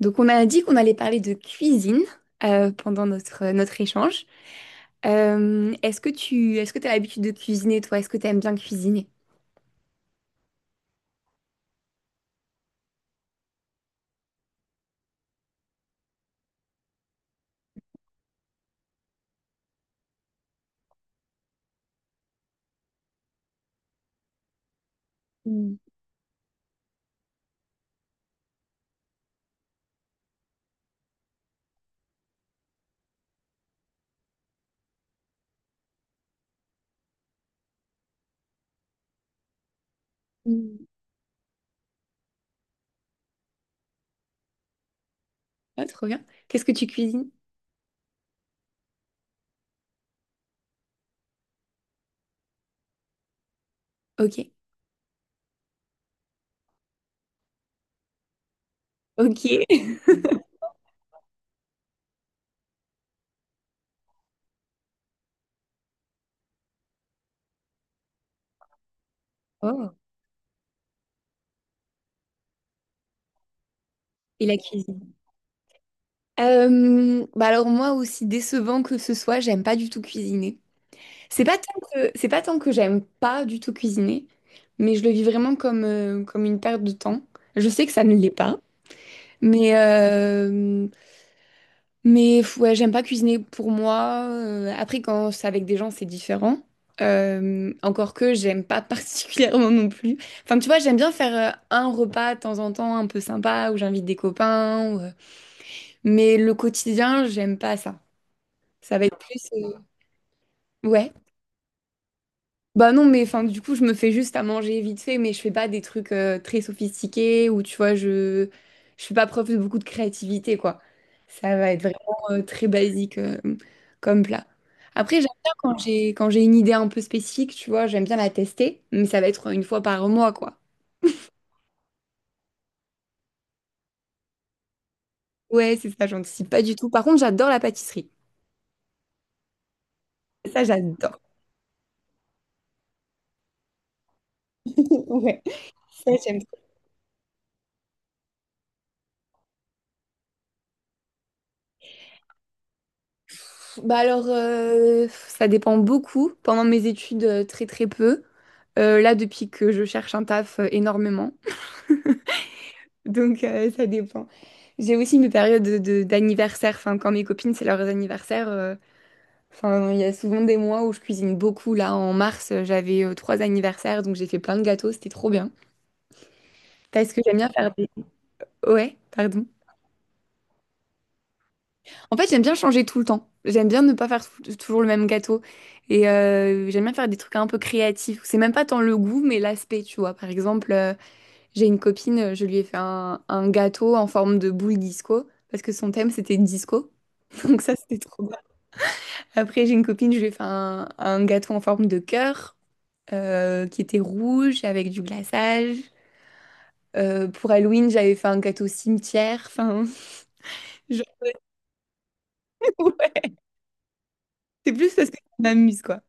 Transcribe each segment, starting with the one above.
Donc, on a dit qu'on allait parler de cuisine pendant notre, notre échange. Est-ce que tu as l'habitude de cuisiner, toi? Est-ce que tu aimes bien cuisiner? Mm. Mm. Ah, trop bien. Qu'est-ce que tu cuisines? Ok. Ok. Oh. Et la cuisine. Bah alors moi aussi décevant que ce soit, j'aime pas du tout cuisiner. C'est pas tant que j'aime pas du tout cuisiner, mais je le vis vraiment comme comme une perte de temps. Je sais que ça ne l'est pas, mais mais pff, ouais, j'aime pas cuisiner pour moi. Après, quand c'est avec des gens, c'est différent. Encore que j'aime pas particulièrement non plus. Enfin, tu vois, j'aime bien faire un repas de temps en temps un peu sympa où j'invite des copains, ou, mais le quotidien, j'aime pas ça. Ça va être plus, ouais. Bah non, mais enfin, du coup, je me fais juste à manger vite fait, mais je fais pas des trucs très sophistiqués ou tu vois, je fais pas preuve de beaucoup de créativité, quoi. Ça va être vraiment très basique comme plat. Après, j'aime bien quand j'ai une idée un peu spécifique, tu vois, j'aime bien la tester, mais ça va être une fois par mois, quoi. Ouais, c'est ça, j'anticipe pas du tout. Par contre, j'adore la pâtisserie. Ça, j'adore. Ouais, ça, j'aime. Bah alors, ça dépend beaucoup. Pendant mes études, très très peu. Là, depuis que je cherche un taf, énormément. Donc, ça dépend. J'ai aussi mes périodes de, d'anniversaire. Enfin, quand mes copines, c'est leurs anniversaires, enfin, il y a souvent des mois où je cuisine beaucoup. Là, en mars, j'avais trois anniversaires, donc j'ai fait plein de gâteaux. C'était trop bien. Parce que j'aime bien faire des... Ouais, pardon. En fait, j'aime bien changer tout le temps. J'aime bien ne pas faire toujours le même gâteau. Et j'aime bien faire des trucs un peu créatifs. C'est même pas tant le goût, mais l'aspect, tu vois. Par exemple, j'ai une copine, je lui ai fait un gâteau en forme de boule disco, parce que son thème, c'était disco. Donc ça, c'était trop bien. Après, j'ai une copine, je lui ai fait un gâteau en forme de cœur, qui était rouge, avec du glaçage. Pour Halloween, j'avais fait un gâteau cimetière. Enfin, je- ouais, c'est plus parce que ça m'amuse, quoi.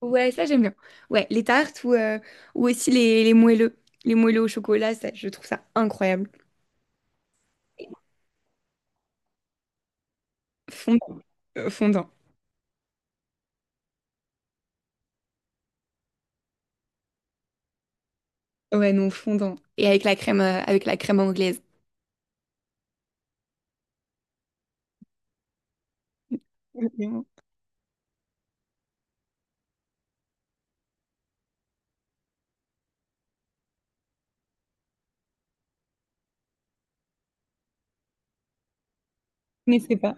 Ouais, ça j'aime bien. Ouais, les tartes ou aussi les moelleux. Les moelleux au chocolat, ça, je trouve ça incroyable. Fondant. Fondant. Ouais, non, fondant. Et avec la crème anglaise. Vraiment. Mais c'est pas.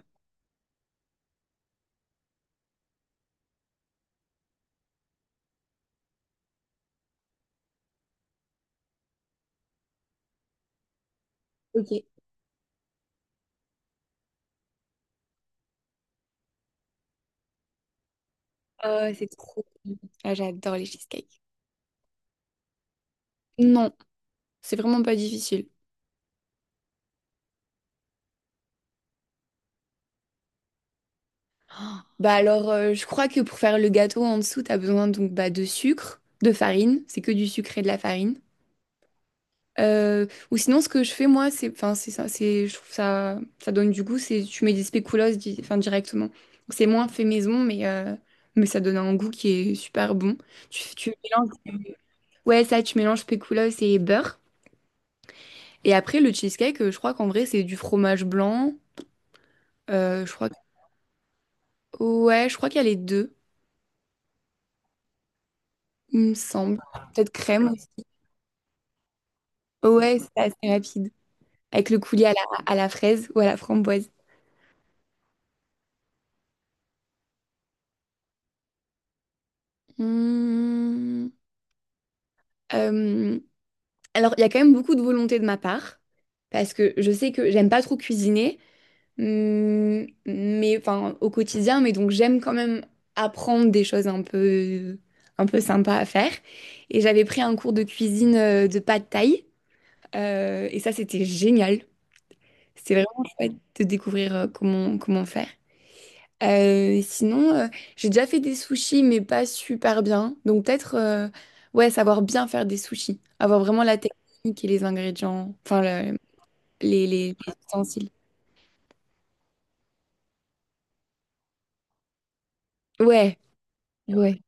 Ok. Oh, c'est trop bon. Ah, j'adore les cheesecakes. Non, c'est vraiment pas difficile. Bah alors, je crois que pour faire le gâteau en dessous, t'as besoin donc bah, de sucre, de farine. C'est que du sucre et de la farine. Euh, ou sinon, ce que je fais moi, c'est, enfin, c'est ça, c'est, je trouve ça, ça donne du goût. C'est, tu mets des spéculoos, enfin, directement. Donc, c'est moins fait maison, mais ça donne un goût qui est super bon. Tu mélanges, ouais, ça, tu mélanges spéculoos et beurre. Et après, le cheesecake, je crois qu'en vrai, c'est du fromage blanc. Je crois ouais, je crois qu'il y a les deux, il me semble. Peut-être crème aussi. Ouais, c'est assez rapide. Avec le coulis à la fraise ou à la framboise. Hum, euh, Alors, il y a quand même beaucoup de volonté de ma part, parce que je sais que j'aime pas trop cuisiner, mais enfin au quotidien, mais donc j'aime quand même apprendre des choses un peu sympas à faire. Et j'avais pris un cours de cuisine de pad thaï, et ça c'était génial. C'était vraiment chouette de découvrir comment, comment faire. Sinon, j'ai déjà fait des sushis, mais pas super bien. Donc peut-être, ouais, savoir bien faire des sushis. Avoir vraiment la technique et les ingrédients, enfin les ustensiles. Ouais, ouais.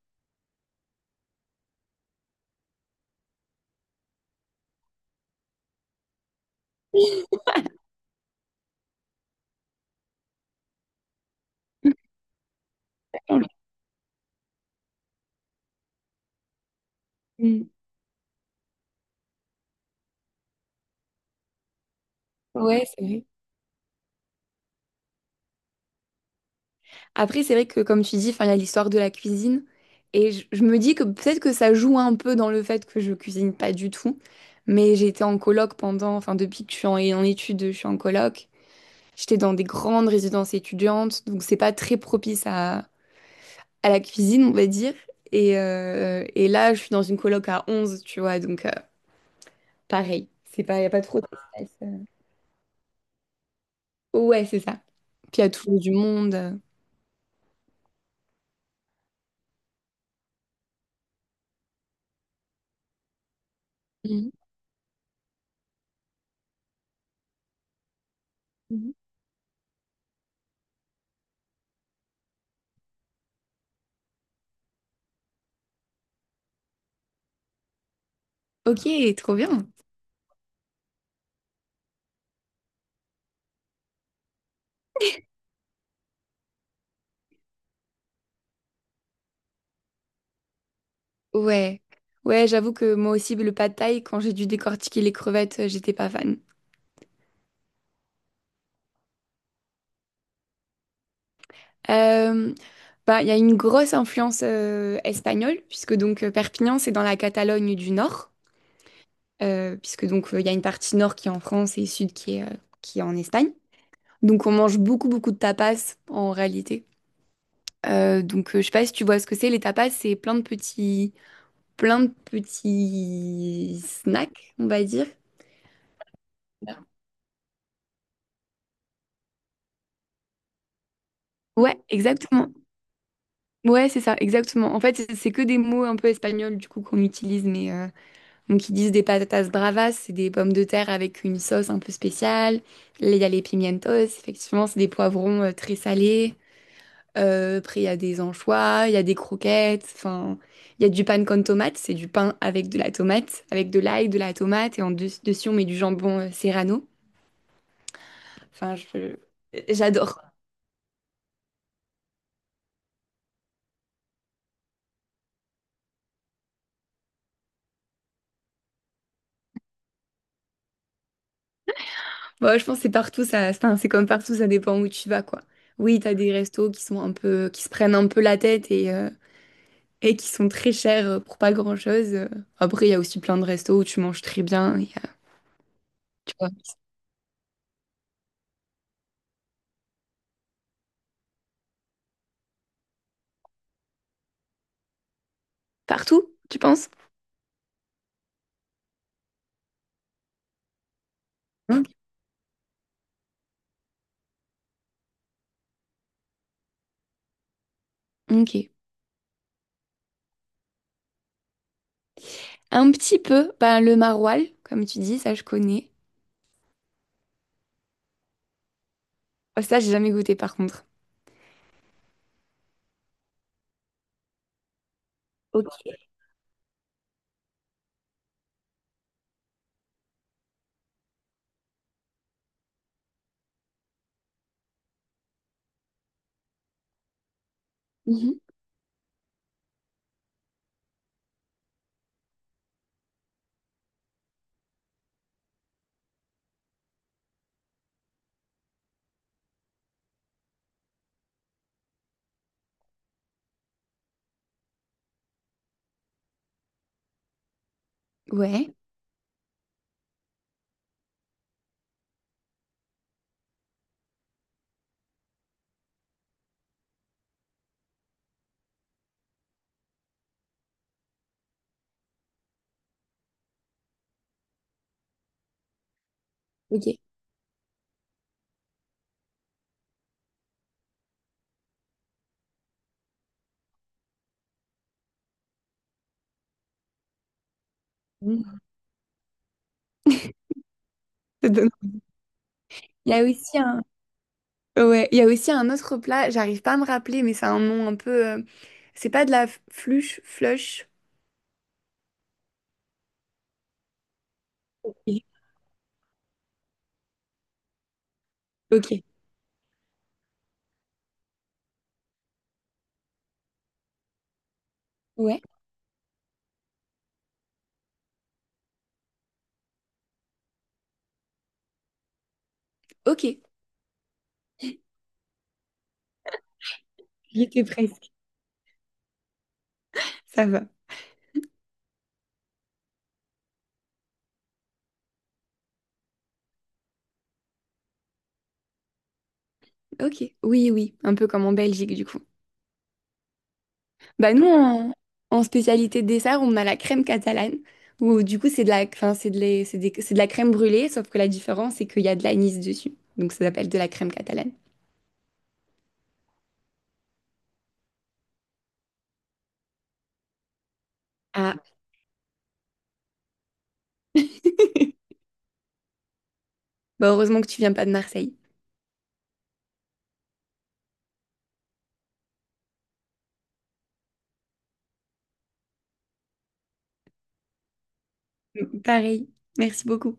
Mm. Ouais, c'est vrai. Après, c'est vrai que comme tu dis, enfin, il y a l'histoire de la cuisine. Et je me dis que peut-être que ça joue un peu dans le fait que je cuisine pas du tout. Mais j'ai été en coloc pendant, enfin depuis que je suis en, en études, je suis en coloc. J'étais dans des grandes résidences étudiantes, donc c'est pas très propice à la cuisine, on va dire. Et là, je suis dans une coloc à 11, tu vois, donc pareil. C'est pas, y a pas trop d'espace, Ouais, c'est ça. Puis il y a toujours du monde, Mhm. Mhm. Ok, trop bien. Ouais. Ouais, j'avoue que moi aussi, le pad thaï, quand j'ai dû décortiquer les crevettes, j'étais pas fan. Euh, Bah, il y a une grosse influence espagnole, puisque donc Perpignan, c'est dans la Catalogne du Nord, puisque donc il y a une partie nord qui est en France et sud qui est en Espagne. Donc on mange beaucoup beaucoup de tapas en réalité. Donc je sais pas si tu vois ce que c'est. Les tapas, c'est plein de petits snacks, on va dire. Ouais, exactement. Ouais, c'est ça, exactement. En fait, c'est que des mots un peu espagnols du coup qu'on utilise, mais donc ils disent des patatas bravas, c'est des pommes de terre avec une sauce un peu spéciale. Là, il y a les pimientos, effectivement, c'est des poivrons très salés. Après, il y a des anchois, il y a des croquettes, enfin, il y a du pan con tomate, c'est du pain avec de la tomate, avec de l'ail, de la tomate, et en dessus, on met du jambon serrano. Enfin, j'adore. Bon, je pense que c'est partout, ça, enfin, c'est comme partout, ça dépend où tu vas, quoi. Oui, t'as des restos qui sont un peu, qui se prennent un peu la tête et qui sont très chers pour pas grand-chose. Après, il y a aussi plein de restos où tu manges très bien, il y a- tu vois, partout, tu penses? Ok. Ok. Un petit peu, ben, le maroilles, comme tu dis, ça je connais. Oh, ça, j'ai jamais goûté par contre. Mhm. Ouais. Ok. Mhm. Ça donne- Il y a aussi un... Ouais, il y a aussi un autre plat, j'arrive pas à me rappeler, mais c'est un nom un peu... c'est pas de la fluche, flush. Ok. Ok. Ouais. Ok. J'y étais presque. Ça va. Ok. Oui, oui. Un peu comme en Belgique, du coup. Bah nous, en, en spécialité dessert, on a la crème catalane, où du coup c'est de la, enfin, c'est de, c'est c'est de la crème brûlée, sauf que la différence c'est qu'il y a de l'anis dessus. Donc ça s'appelle de la crème catalane. Ah, bah heureusement que tu viens pas de Marseille. Pareil, merci beaucoup.